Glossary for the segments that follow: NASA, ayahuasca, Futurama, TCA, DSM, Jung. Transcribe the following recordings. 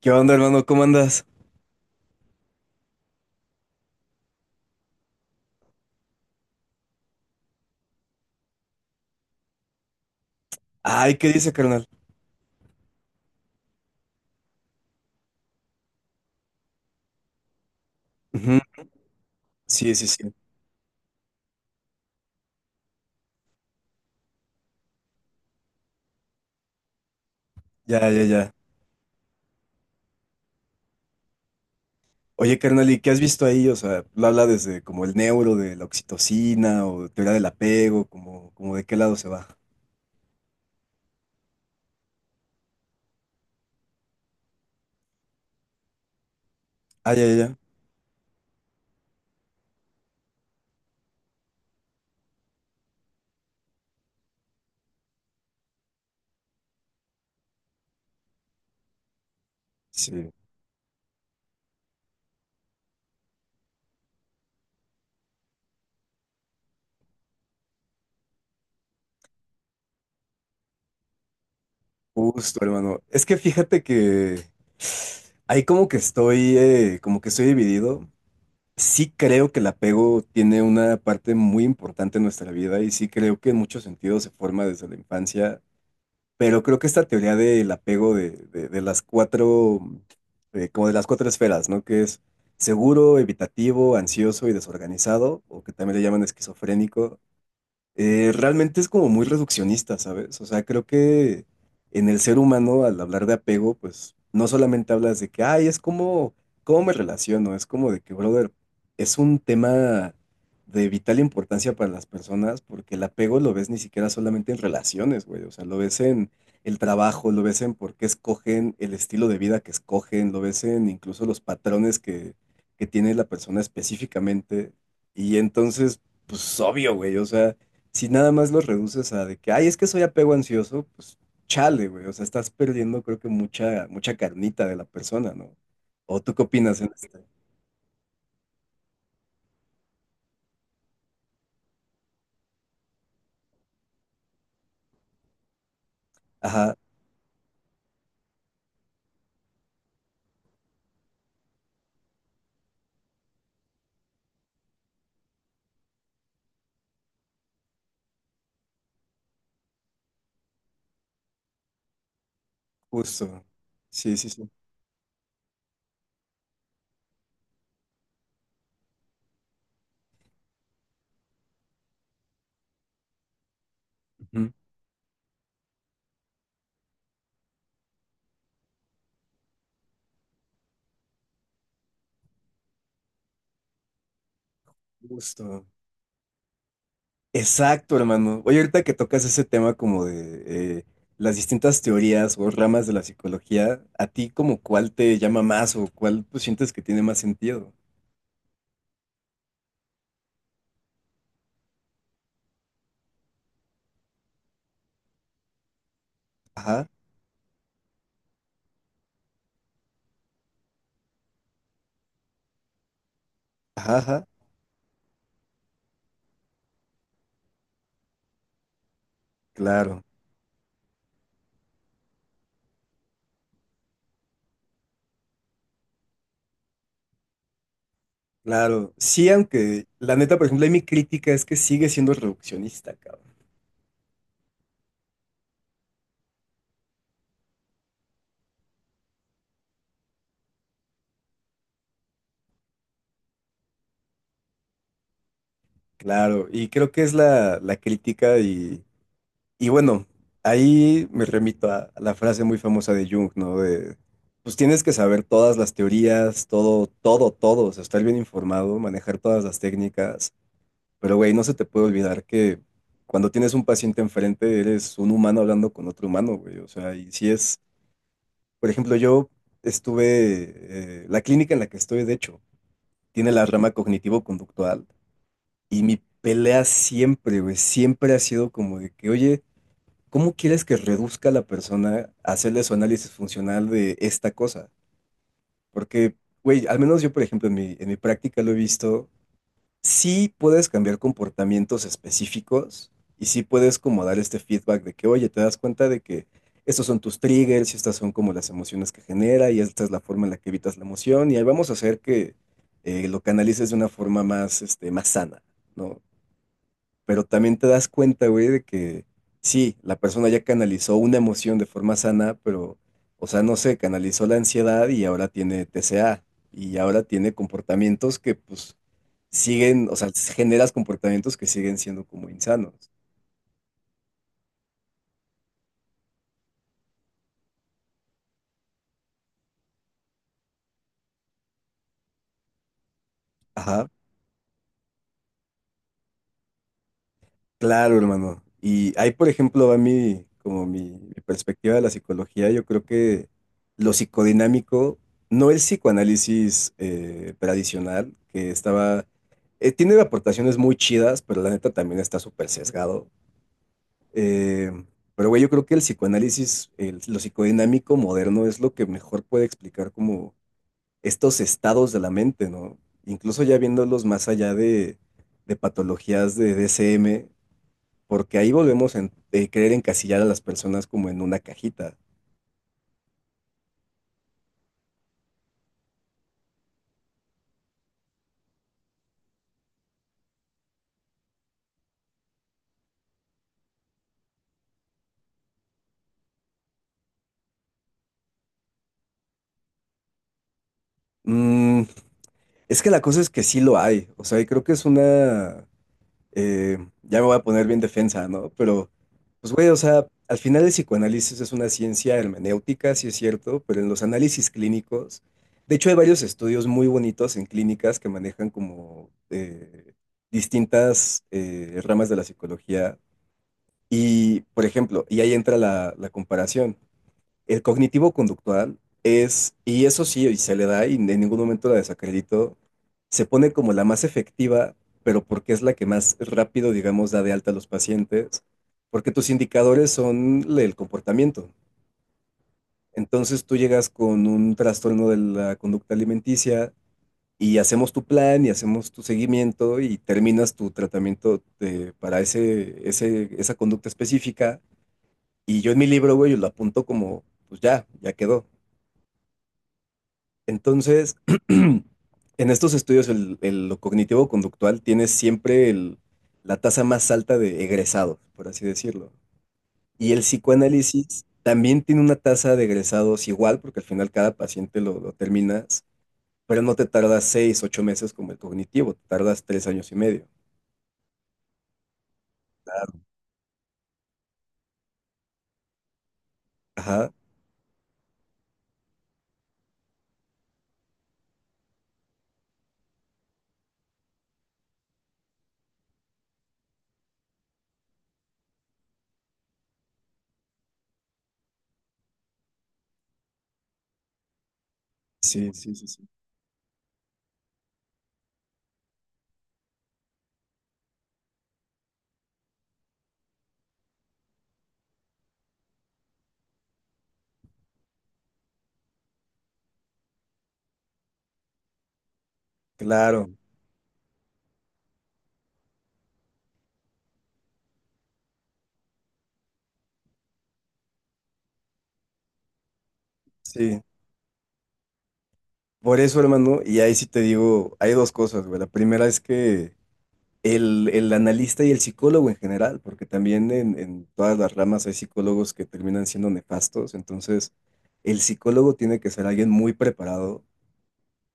¿Qué onda, hermano? ¿Cómo andas? Ay, ¿qué dice, carnal? Ujú. Sí, sí, sí. Ya, ya, ya. Oye, carnal, ¿y qué has visto ahí? O sea, lo habla desde como el neuro de la oxitocina o teoría del apego, como, como de qué lado se va. Ah, ya, ya, ya. Sí, justo, hermano. Es que fíjate que ahí como que estoy dividido. Sí creo que el apego tiene una parte muy importante en nuestra vida y sí creo que en muchos sentidos se forma desde la infancia. Pero creo que esta teoría del apego de las cuatro, como de las cuatro esferas, ¿no? Que es seguro, evitativo, ansioso y desorganizado, o que también le llaman esquizofrénico, realmente es como muy reduccionista, ¿sabes? O sea, creo que en el ser humano, al hablar de apego, pues no solamente hablas de que, ay, es como, ¿cómo me relaciono? Es como de que, brother, es un tema de vital importancia para las personas porque el apego lo ves ni siquiera solamente en relaciones, güey. O sea, lo ves en el trabajo, lo ves en por qué escogen el estilo de vida que escogen, lo ves en incluso los patrones que tiene la persona específicamente. Y entonces, pues obvio, güey, o sea, si nada más los reduces a de que, ay, es que soy apego ansioso, pues chale, güey. O sea, estás perdiendo, creo que mucha, mucha carnita de la persona, ¿no? ¿O tú qué opinas en este? Ajá, justo. Sí, sí, sí. Ujú. Justo. Exacto, hermano. Oye, ahorita que tocas ese tema como de las distintas teorías o ramas de la psicología, ¿a ti como cuál te llama más o cuál, pues, sientes que tiene más sentido? Ajá, ajá, ajá. Claro. Claro, sí, aunque la neta, por ejemplo, ahí mi crítica es que sigue siendo reduccionista, cabrón. Claro, y creo que es la crítica y bueno, ahí me remito a la frase muy famosa de Jung, ¿no? De, pues tienes que saber todas las teorías, todo, todo, todo, o sea, estar bien informado, manejar todas las técnicas, pero güey, no se te puede olvidar que cuando tienes un paciente enfrente, eres un humano hablando con otro humano, güey, o sea, y si es, por ejemplo, yo estuve, la clínica en la que estoy, de hecho, tiene la rama cognitivo-conductual. Y mi pelea siempre, güey, siempre ha sido como de que, oye, ¿cómo quieres que reduzca a la persona a hacerle su análisis funcional de esta cosa? Porque, güey, al menos yo, por ejemplo, en mi práctica lo he visto, sí puedes cambiar comportamientos específicos y sí puedes como dar este feedback de que, oye, te das cuenta de que estos son tus triggers y estas son como las emociones que genera y esta es la forma en la que evitas la emoción y ahí vamos a hacer que lo canalices de una forma más, este, más sana, ¿no? Pero también te das cuenta, güey, de que sí, la persona ya canalizó una emoción de forma sana, pero, o sea, no sé, canalizó la ansiedad y ahora tiene TCA y ahora tiene comportamientos que pues siguen, o sea, generas comportamientos que siguen siendo como insanos. Claro, hermano. Y ahí, por ejemplo, va mi, como mi perspectiva de la psicología. Yo creo que lo psicodinámico, no el psicoanálisis tradicional, que estaba, tiene aportaciones muy chidas, pero la neta también está súper sesgado. Eh, pero, güey, yo creo que el psicoanálisis, lo psicodinámico moderno es lo que mejor puede explicar como estos estados de la mente, ¿no? Incluso ya viéndolos más allá de patologías de DSM, porque ahí volvemos a querer encasillar a las personas como en una cajita. Mm, es que la cosa es que sí lo hay, o sea, y creo que es una, eh, ya me voy a poner bien defensa, ¿no? Pero, pues güey, o sea, al final el psicoanálisis es una ciencia hermenéutica, sí es cierto, pero en los análisis clínicos, de hecho hay varios estudios muy bonitos en clínicas que manejan como distintas ramas de la psicología. Y, por ejemplo, y ahí entra la comparación. El cognitivo conductual es, y eso sí, y se le da y en ningún momento la desacredito, se pone como la más efectiva, pero porque es la que más rápido, digamos, da de alta a los pacientes, porque tus indicadores son el comportamiento. Entonces tú llegas con un trastorno de la conducta alimenticia y hacemos tu plan y hacemos tu seguimiento y terminas tu tratamiento para esa conducta específica. Y yo en mi libro, güey, lo apunto como, pues ya, ya quedó. Entonces, en estos estudios, lo cognitivo-conductual tiene siempre la tasa más alta de egresados, por así decirlo. Y el psicoanálisis también tiene una tasa de egresados igual, porque al final cada paciente lo terminas, pero no te tardas 6, 8 meses como el cognitivo, te tardas 3 años y medio. Ajá. Sí, sí, sí, sí. Claro, sí. Por eso, hermano, y ahí sí te digo, hay dos cosas, güey. La primera es que el analista y el psicólogo en general, porque también en todas las ramas hay psicólogos que terminan siendo nefastos, entonces el psicólogo tiene que ser alguien muy preparado.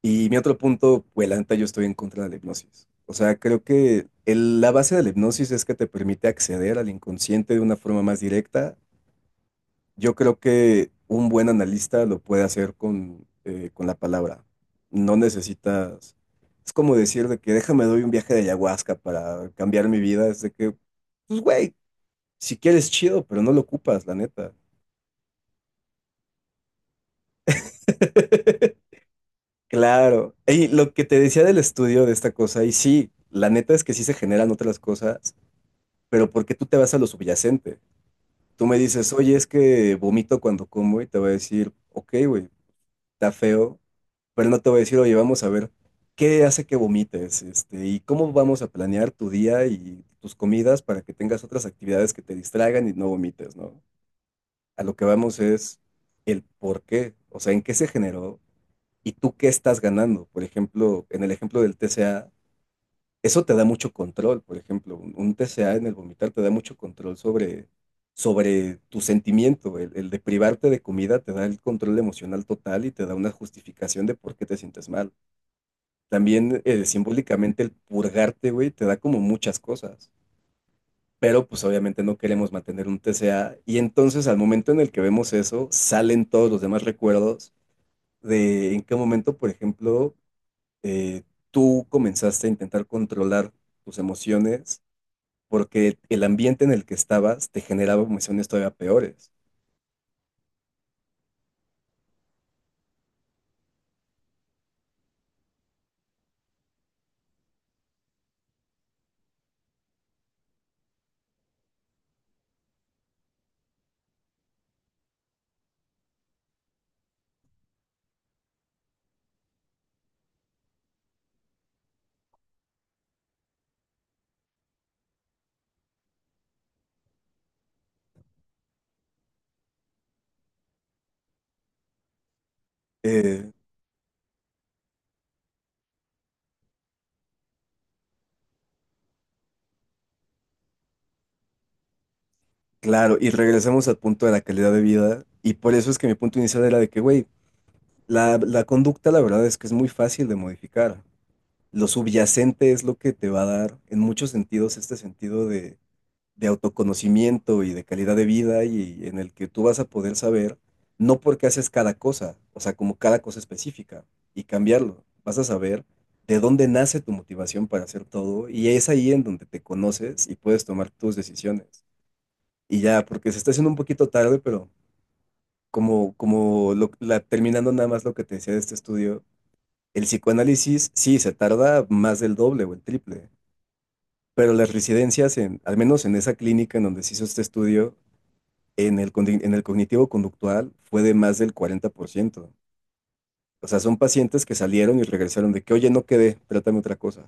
Y mi otro punto, pues la neta, yo estoy en contra de la hipnosis. O sea, creo que la base de la hipnosis es que te permite acceder al inconsciente de una forma más directa. Yo creo que un buen analista lo puede hacer con la palabra. No necesitas, es como decir de que déjame doy un viaje de ayahuasca para cambiar mi vida. Es de que, pues güey, si quieres chido, pero no lo ocupas, la neta. Claro. Y lo que te decía del estudio de esta cosa, y sí, la neta es que sí se generan otras cosas, pero ¿por qué tú te vas a lo subyacente? Tú me dices, oye, es que vomito cuando como y te voy a decir, ok, güey, está feo, pero no te voy a decir, oye, vamos a ver qué hace que vomites, este, y cómo vamos a planear tu día y tus comidas para que tengas otras actividades que te distraigan y no vomites, ¿no? A lo que vamos es el por qué, o sea, en qué se generó y tú qué estás ganando. Por ejemplo, en el ejemplo del TCA, eso te da mucho control, por ejemplo, un TCA en el vomitar te da mucho control sobre tu sentimiento, el de privarte de comida te da el control emocional total y te da una justificación de por qué te sientes mal. También simbólicamente el purgarte, güey, te da como muchas cosas, pero pues obviamente no queremos mantener un TCA y entonces al momento en el que vemos eso, salen todos los demás recuerdos de en qué momento, por ejemplo, eh, tú comenzaste a intentar controlar tus emociones porque el ambiente en el que estabas te generaba emociones todavía peores. Eh, Claro, y regresamos al punto de la calidad de vida, y por eso es que mi punto inicial era de que, güey, la conducta la verdad es que es muy fácil de modificar. Lo subyacente es lo que te va a dar en muchos sentidos este sentido de autoconocimiento y de calidad de vida y en el que tú vas a poder saber, no porque haces cada cosa, o sea, como cada cosa específica, y cambiarlo. Vas a saber de dónde nace tu motivación para hacer todo, y es ahí en donde te conoces y puedes tomar tus decisiones. Y ya, porque se está haciendo un poquito tarde, pero como, como terminando nada más lo que te decía de este estudio, el psicoanálisis sí se tarda más del doble o el triple, pero las residencias, en, al menos en esa clínica en donde se hizo este estudio, en el, en el cognitivo conductual fue de más del 40%. O sea, son pacientes que salieron y regresaron de que, oye, no quedé, trátame otra cosa.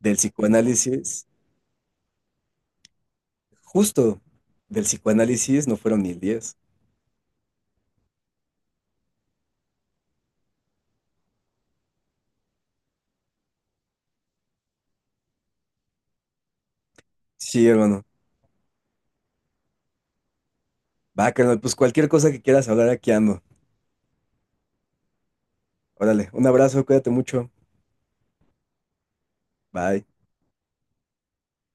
Del psicoanálisis, justo, del psicoanálisis no fueron ni el 10. Sí, hermano. Va, carnal, pues cualquier cosa que quieras hablar aquí ando. Órale, un abrazo, cuídate mucho. Bye.